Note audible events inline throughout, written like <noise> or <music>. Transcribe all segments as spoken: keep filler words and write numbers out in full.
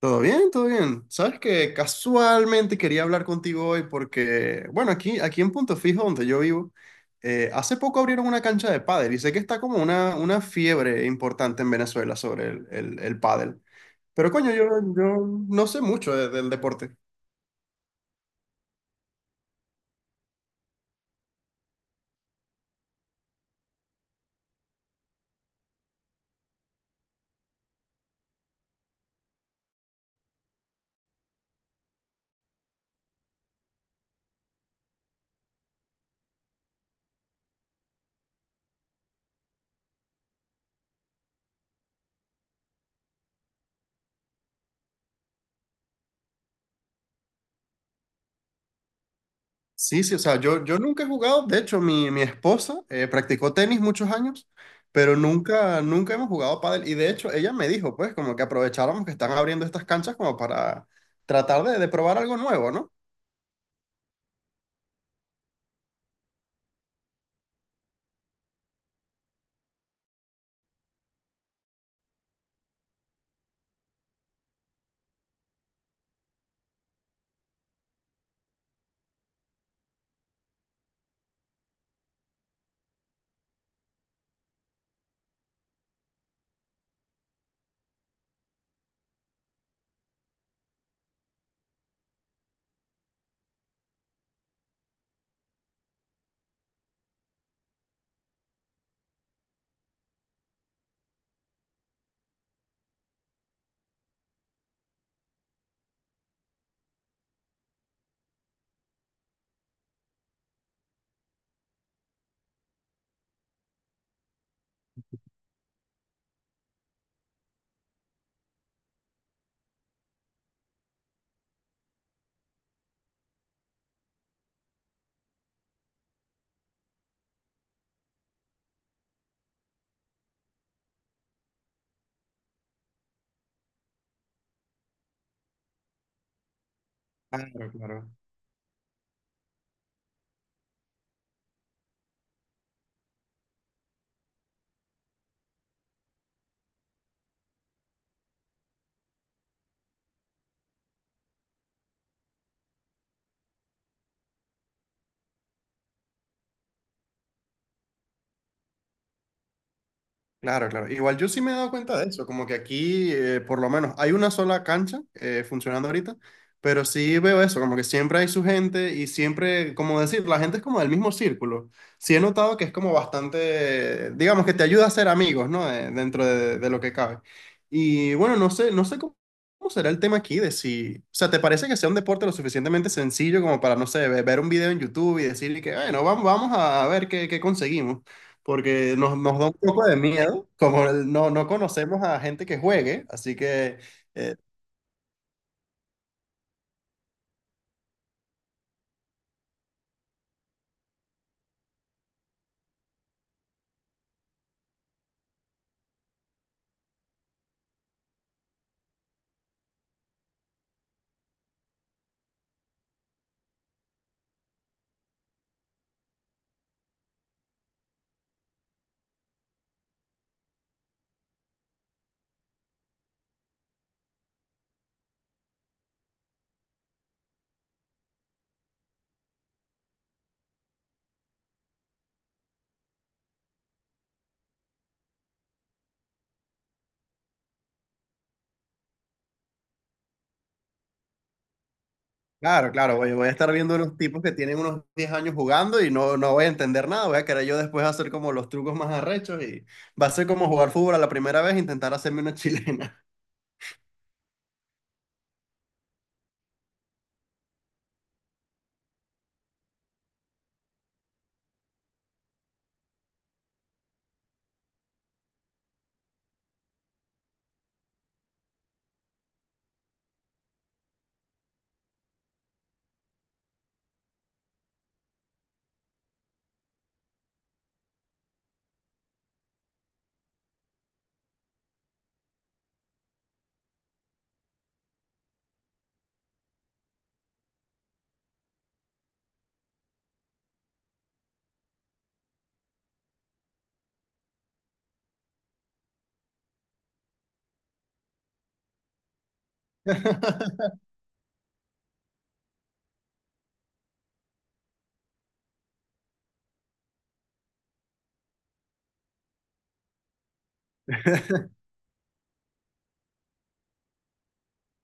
Todo bien, todo bien. Sabes que casualmente quería hablar contigo hoy porque, bueno, aquí, aquí en Punto Fijo, donde yo vivo, eh, hace poco abrieron una cancha de pádel y sé que está como una, una fiebre importante en Venezuela sobre el, el, el pádel. Pero coño, yo, yo no sé mucho de- del deporte. Sí, sí, o sea, yo, yo nunca he jugado. De hecho, mi, mi esposa eh, practicó tenis muchos años, pero nunca, nunca hemos jugado pádel, y de hecho, ella me dijo, pues, como que aprovecháramos que están abriendo estas canchas como para tratar de, de probar algo nuevo, ¿no? Claro, claro. Claro, claro. Igual yo sí me he dado cuenta de eso, como que aquí eh, por lo menos hay una sola cancha eh, funcionando ahorita, pero sí veo eso, como que siempre hay su gente y siempre, como decir, la gente es como del mismo círculo. Sí he notado que es como bastante, digamos que te ayuda a ser amigos, ¿no? Eh, dentro de, de lo que cabe. Y bueno, no sé, no sé cómo, ¿cómo será el tema aquí de si, o sea, te parece que sea un deporte lo suficientemente sencillo como para, no sé, ve- ver un video en YouTube y decirle que, bueno, vamos, vamos a ver qué, qué conseguimos? Porque nos, nos da un poco de miedo, como el- no, no conocemos a gente que juegue, así que, eh, claro, claro, voy, voy a estar viendo unos tipos que tienen unos diez años jugando y no, no voy a entender nada, voy a querer yo después hacer como los trucos más arrechos y va a ser como jugar fútbol a la primera vez e intentar hacerme una chilena. <laughs>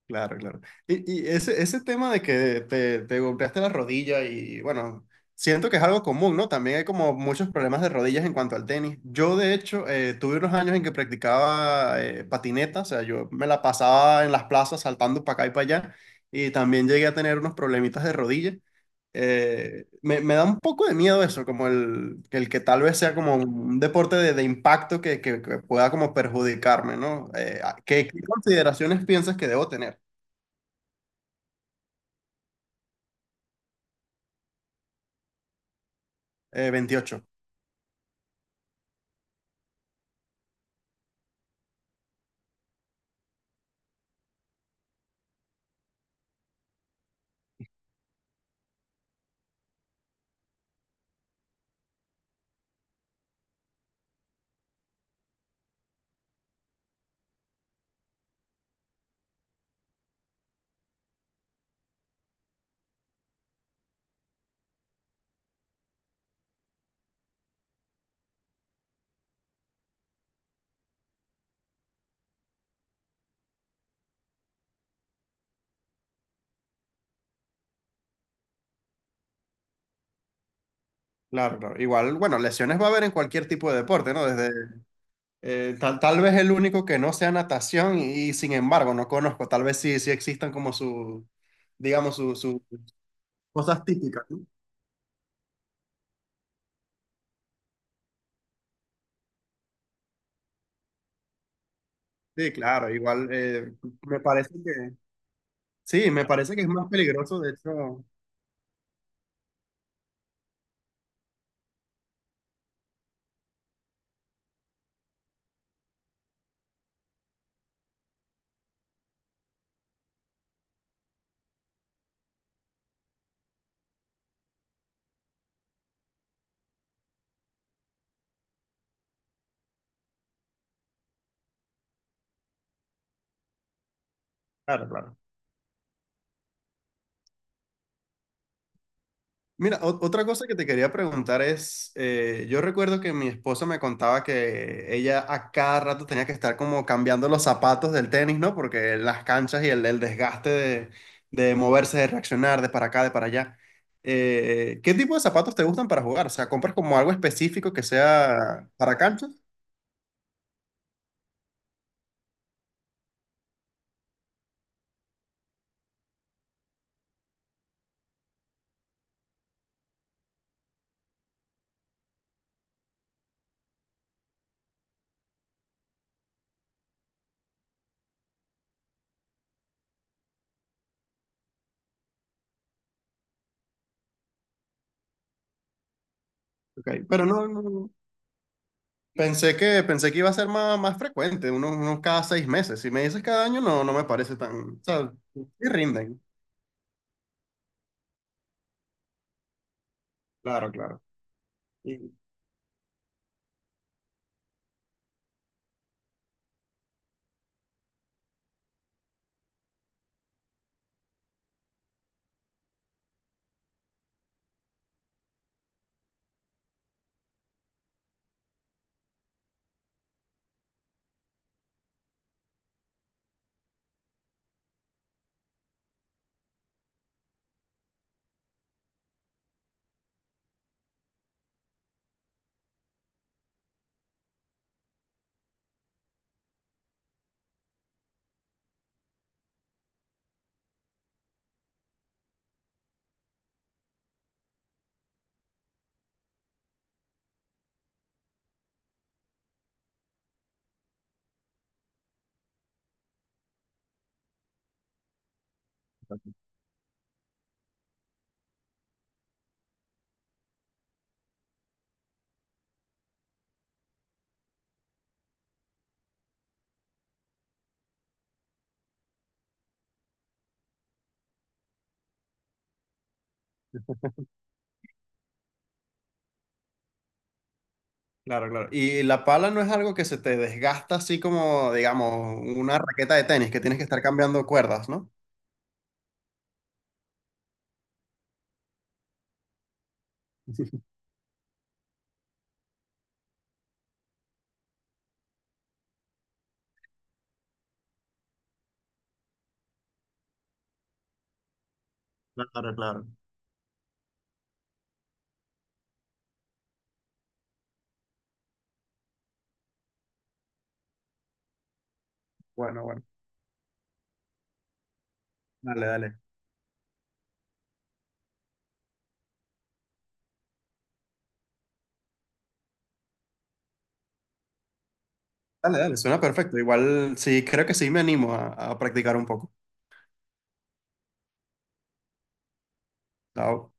Claro, claro. Y, y ese, ese tema de que te, te golpeaste la rodilla y bueno, siento que es algo común, ¿no? También hay como muchos problemas de rodillas en cuanto al tenis. Yo, de hecho, eh, tuve unos años en que practicaba eh, patineta, o sea, yo me la pasaba en las plazas saltando para acá y para allá y también llegué a tener unos problemitas de rodilla. Eh, me, me da un poco de miedo eso, como el, que el que tal vez sea como un deporte de, de impacto que, que- que pueda como perjudicarme, ¿no? Eh, ¿qué, qué consideraciones piensas que debo tener? Eh, veintiocho. Claro, claro. Igual, bueno, lesiones va a haber en cualquier tipo de deporte, ¿no? Desde, eh, tal, tal vez el único que no sea natación y, sin embargo no conozco, tal vez sí, sí existan como su, digamos, su, su- cosas típicas, ¿no? Sí, claro, igual eh, me parece que, sí, me parece que es más peligroso, de hecho, claro, claro. Mira, o- otra cosa que te quería preguntar es, eh, yo recuerdo que mi esposa me contaba que ella a cada rato tenía que estar como cambiando los zapatos del tenis, ¿no? Porque las canchas y el, el desgaste de, de moverse, de reaccionar, de para acá, de para allá. Eh, ¿qué tipo de zapatos te gustan para jugar? O sea, ¿compras como algo específico que sea para canchas? Ok, pero no, no, no. Pensé que, pensé que iba a ser más, más frecuente, unos, unos cada seis meses. Si me dices cada año, no, no me parece tan, o sea, sí rinden. Claro, claro. Claro, claro. Y la pala no es algo que se te desgasta así como, digamos, una raqueta de tenis, que tienes que estar cambiando cuerdas, ¿no? <laughs> Claro, claro. Bueno, bueno. Dale, dale. Dale, dale, suena perfecto. Igual sí, creo que sí me animo a, a practicar un poco. Chao.